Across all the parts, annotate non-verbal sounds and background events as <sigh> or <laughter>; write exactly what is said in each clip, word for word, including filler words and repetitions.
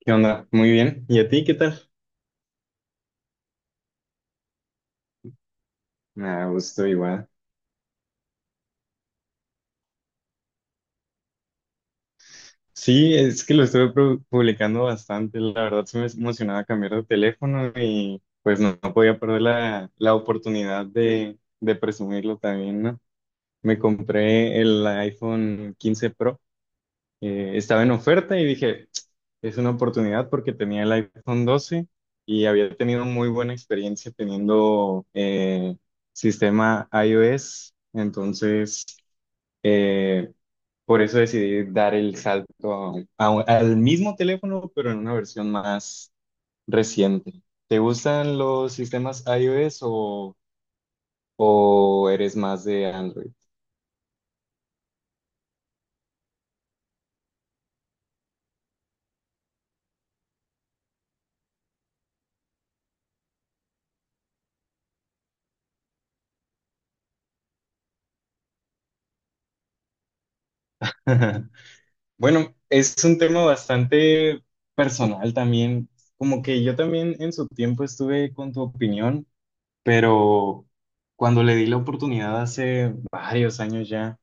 ¿Qué onda? Muy bien. ¿Y a ti qué tal? Me gusto igual. Sí, es que lo estuve pu- publicando bastante. La verdad se me emocionaba cambiar de teléfono y pues no, no podía perder la, la oportunidad de, de presumirlo también, ¿no? Me compré el iPhone quince Pro. Eh, estaba en oferta y dije, es una oportunidad porque tenía el iPhone doce y había tenido muy buena experiencia teniendo eh, sistema iOS. Entonces. eh, Por eso decidí dar el salto a- a al mismo teléfono, pero en una versión más reciente. ¿Te gustan los sistemas iOS o, o eres más de Android? <laughs> Bueno, es un tema bastante personal también. Como que yo también en su tiempo estuve con tu opinión, pero cuando le di la oportunidad hace varios años ya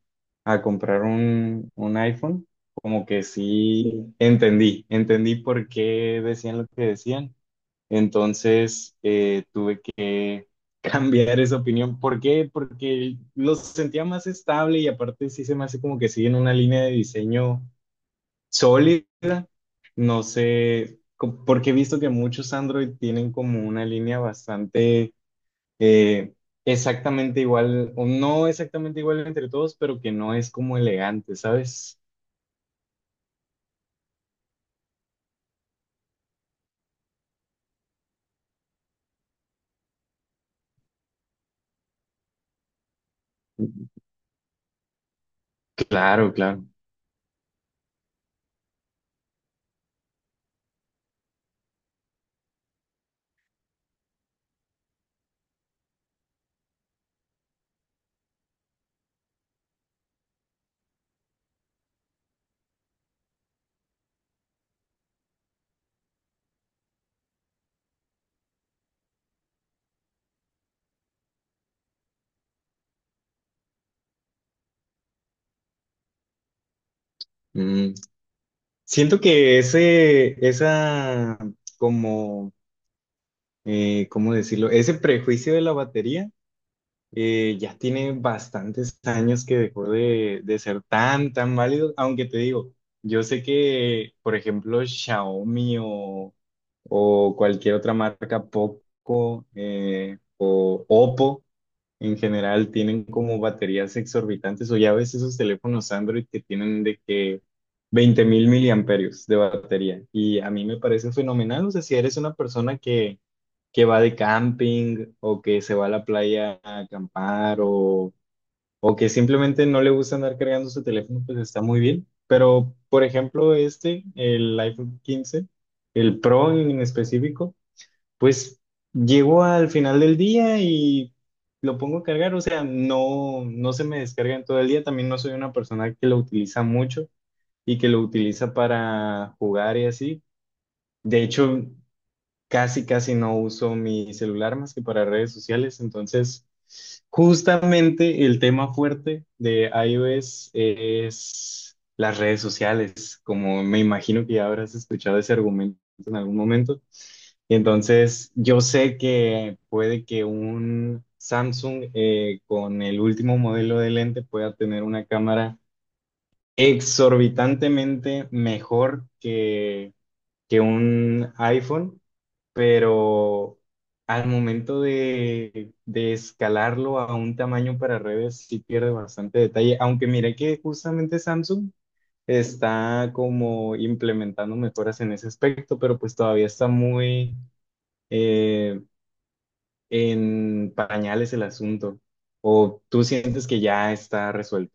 a comprar un, un iPhone, como que sí entendí, entendí por qué decían lo que decían. Entonces eh, tuve que <laughs> cambiar esa opinión. ¿Por qué? Porque lo sentía más estable y aparte sí se me hace como que siguen una línea de diseño sólida. No sé, co- porque he visto que muchos Android tienen como una línea bastante eh, exactamente igual, o no exactamente igual entre todos, pero que no es como elegante, ¿sabes? Claro, claro. Mm. Siento que ese, esa, como, eh, ¿cómo decirlo? Ese prejuicio de la batería eh, ya tiene bastantes años que dejó de, de ser tan, tan válido, aunque te digo, yo sé que, por ejemplo, Xiaomi o, o cualquier otra marca, Poco eh, o Oppo, en general tienen como baterías exorbitantes o ya ves esos teléfonos Android que tienen de que veinte mil miliamperios de batería y a mí me parece fenomenal, o sea, si eres una persona que, que va de camping o que se va a la playa a acampar o, o que simplemente no le gusta andar cargando su teléfono, pues está muy bien, pero por ejemplo este, el iPhone quince, el Pro en específico, pues llego al final del día y lo pongo a cargar, o sea, no, no se me descarga en todo el día, también no soy una persona que lo utiliza mucho y que lo utiliza para jugar y así. De hecho, casi, casi no uso mi celular más que para redes sociales. Entonces, justamente el tema fuerte de iOS es las redes sociales, como me imagino que ya habrás escuchado ese argumento en algún momento. Entonces, yo sé que puede que un Samsung eh, con el último modelo de lente pueda tener una cámara exorbitantemente mejor que que un iPhone, pero al momento de, de escalarlo a un tamaño para redes sí pierde bastante detalle, aunque mire que justamente Samsung está como implementando mejoras en ese aspecto, pero pues todavía está muy eh, en pañales el asunto. ¿O tú sientes que ya está resuelto?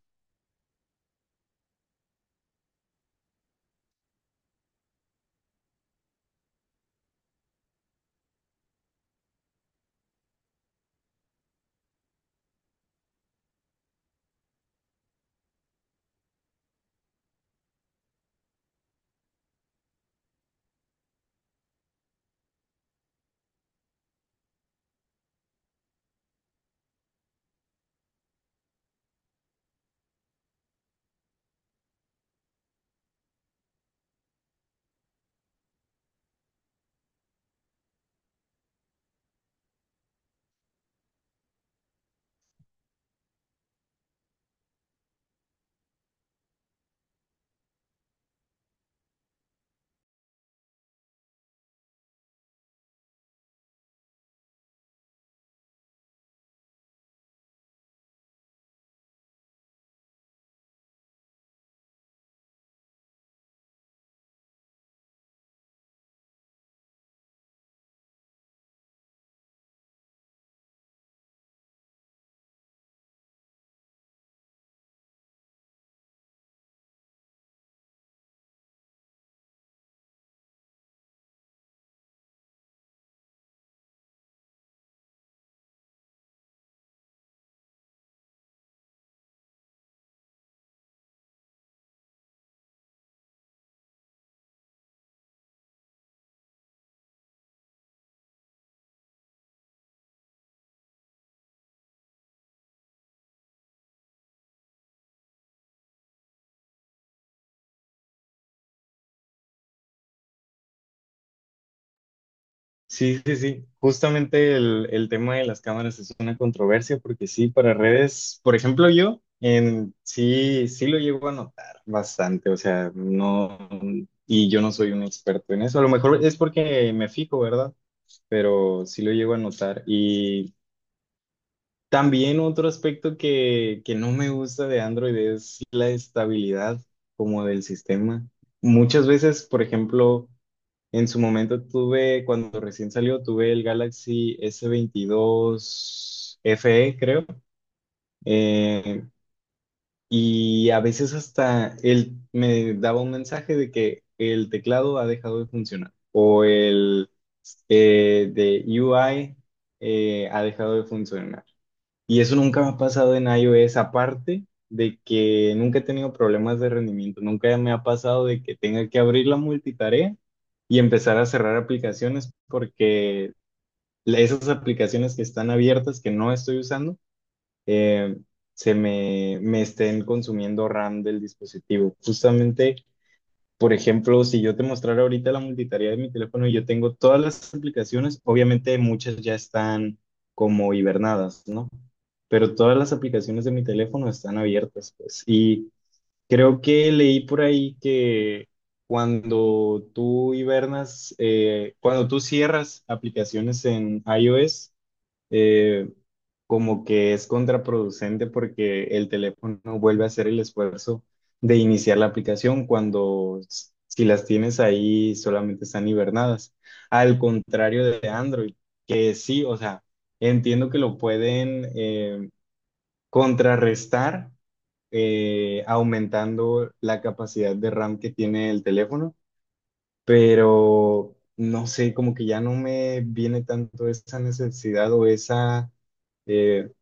Sí, sí, sí. Justamente el, el tema de las cámaras es una controversia porque sí, para redes, por ejemplo, yo en, sí, sí lo llego a notar bastante, o sea, no, y yo no soy un experto en eso, a lo mejor es porque me fijo, ¿verdad? Pero sí lo llego a notar. Y también otro aspecto que, que no me gusta de Android es la estabilidad como del sistema. Muchas veces, por ejemplo. En su momento tuve, cuando recién salió, tuve el Galaxy S veintidós F E, creo. Eh, y a veces hasta él me daba un mensaje de que el teclado ha dejado de funcionar o el eh, de U I eh, ha dejado de funcionar. Y eso nunca me ha pasado en iOS, aparte de que nunca he tenido problemas de rendimiento, nunca me ha pasado de que tenga que abrir la multitarea y empezar a cerrar aplicaciones porque esas aplicaciones que están abiertas, que no estoy usando, eh, se me, me estén consumiendo RAM del dispositivo. Justamente por ejemplo, si yo te mostrara ahorita la multitarea de mi teléfono, yo tengo todas las aplicaciones, obviamente muchas ya están como hibernadas, ¿no? Pero todas las aplicaciones de mi teléfono están abiertas, pues. Y creo que leí por ahí que cuando tú hibernas, eh, cuando tú cierras aplicaciones en iOS, eh, como que es contraproducente porque el teléfono vuelve a hacer el esfuerzo de iniciar la aplicación cuando s- si las tienes ahí solamente están hibernadas. Al contrario de Android, que sí, o sea, entiendo que lo pueden eh, contrarrestar eh, aumentando la capacidad de RAM que tiene el teléfono, pero no sé, como que ya no me viene tanto esa necesidad o esa eh,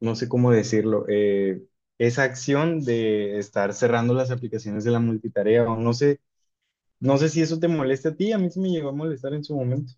no sé cómo decirlo, eh, esa acción de estar cerrando las aplicaciones de la multitarea, o no sé, no sé si eso te molesta a ti, a mí sí me llegó a molestar en su momento.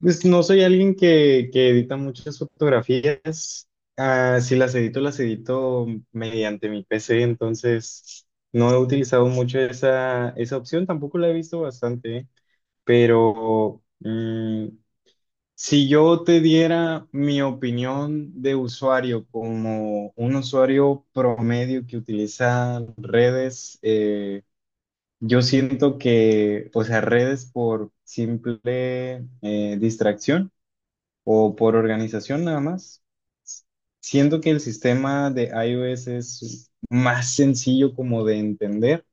Pues no soy alguien que, que edita muchas fotografías, ah, si las edito, las edito mediante mi P C, entonces no he utilizado mucho esa, esa opción, tampoco la he visto bastante, ¿eh? Pero mm, si yo te diera mi opinión de usuario como un usuario promedio que utiliza redes, eh, yo siento que, o sea, redes por simple eh, distracción o por organización nada más, siento que el sistema de iOS es más sencillo como de entender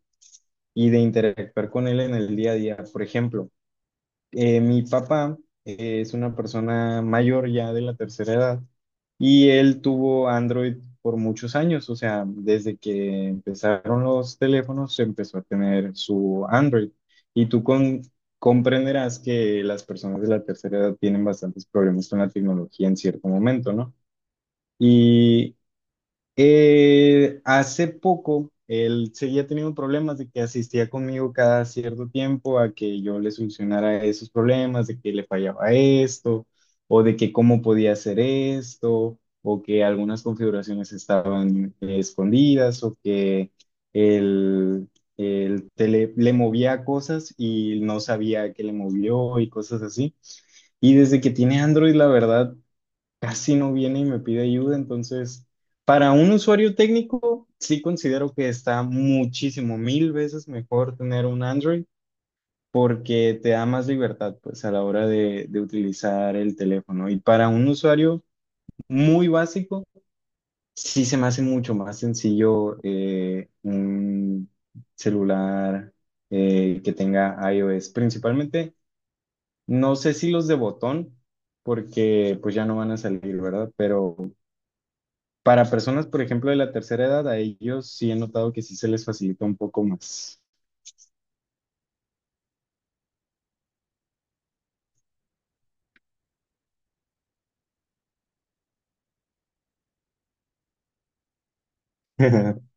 y de interactuar con él en el día a día. Por ejemplo, eh, mi papá eh, es una persona mayor ya de la tercera edad y él tuvo Android por muchos años, o sea, desde que empezaron los teléfonos se empezó a tener su Android y tú con- comprenderás que las personas de la tercera edad tienen bastantes problemas con la tecnología en cierto momento, ¿no? Y eh, hace poco él seguía teniendo problemas de que asistía conmigo cada cierto tiempo a que yo le solucionara esos problemas, de que le fallaba esto, o de que cómo podía hacer esto, o que algunas configuraciones estaban eh, escondidas, o que él, él te le, le movía cosas y no sabía que le movió y cosas así. Y desde que tiene Android, la verdad casi no viene y me pide ayuda. Entonces, para un usuario técnico, sí considero que está muchísimo, mil veces mejor tener un Android porque te da más libertad, pues, a la hora de, de utilizar el teléfono. Y para un usuario muy básico, sí se me hace mucho más sencillo eh, un celular eh, que tenga iOS. Principalmente, no sé si los de botón, porque pues ya no van a salir, ¿verdad? Pero para personas, por ejemplo, de la tercera edad, a ellos sí he notado que sí se les facilita un poco más. <laughs>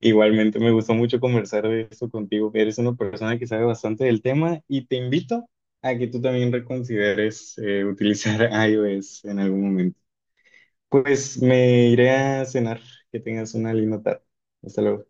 Igualmente, me gustó mucho conversar de esto contigo. Eres una persona que sabe bastante del tema y te invito a que tú también reconsideres eh, utilizar <laughs> iOS en algún momento. Pues me iré a cenar. Que tengas una linda tarde. Hasta luego.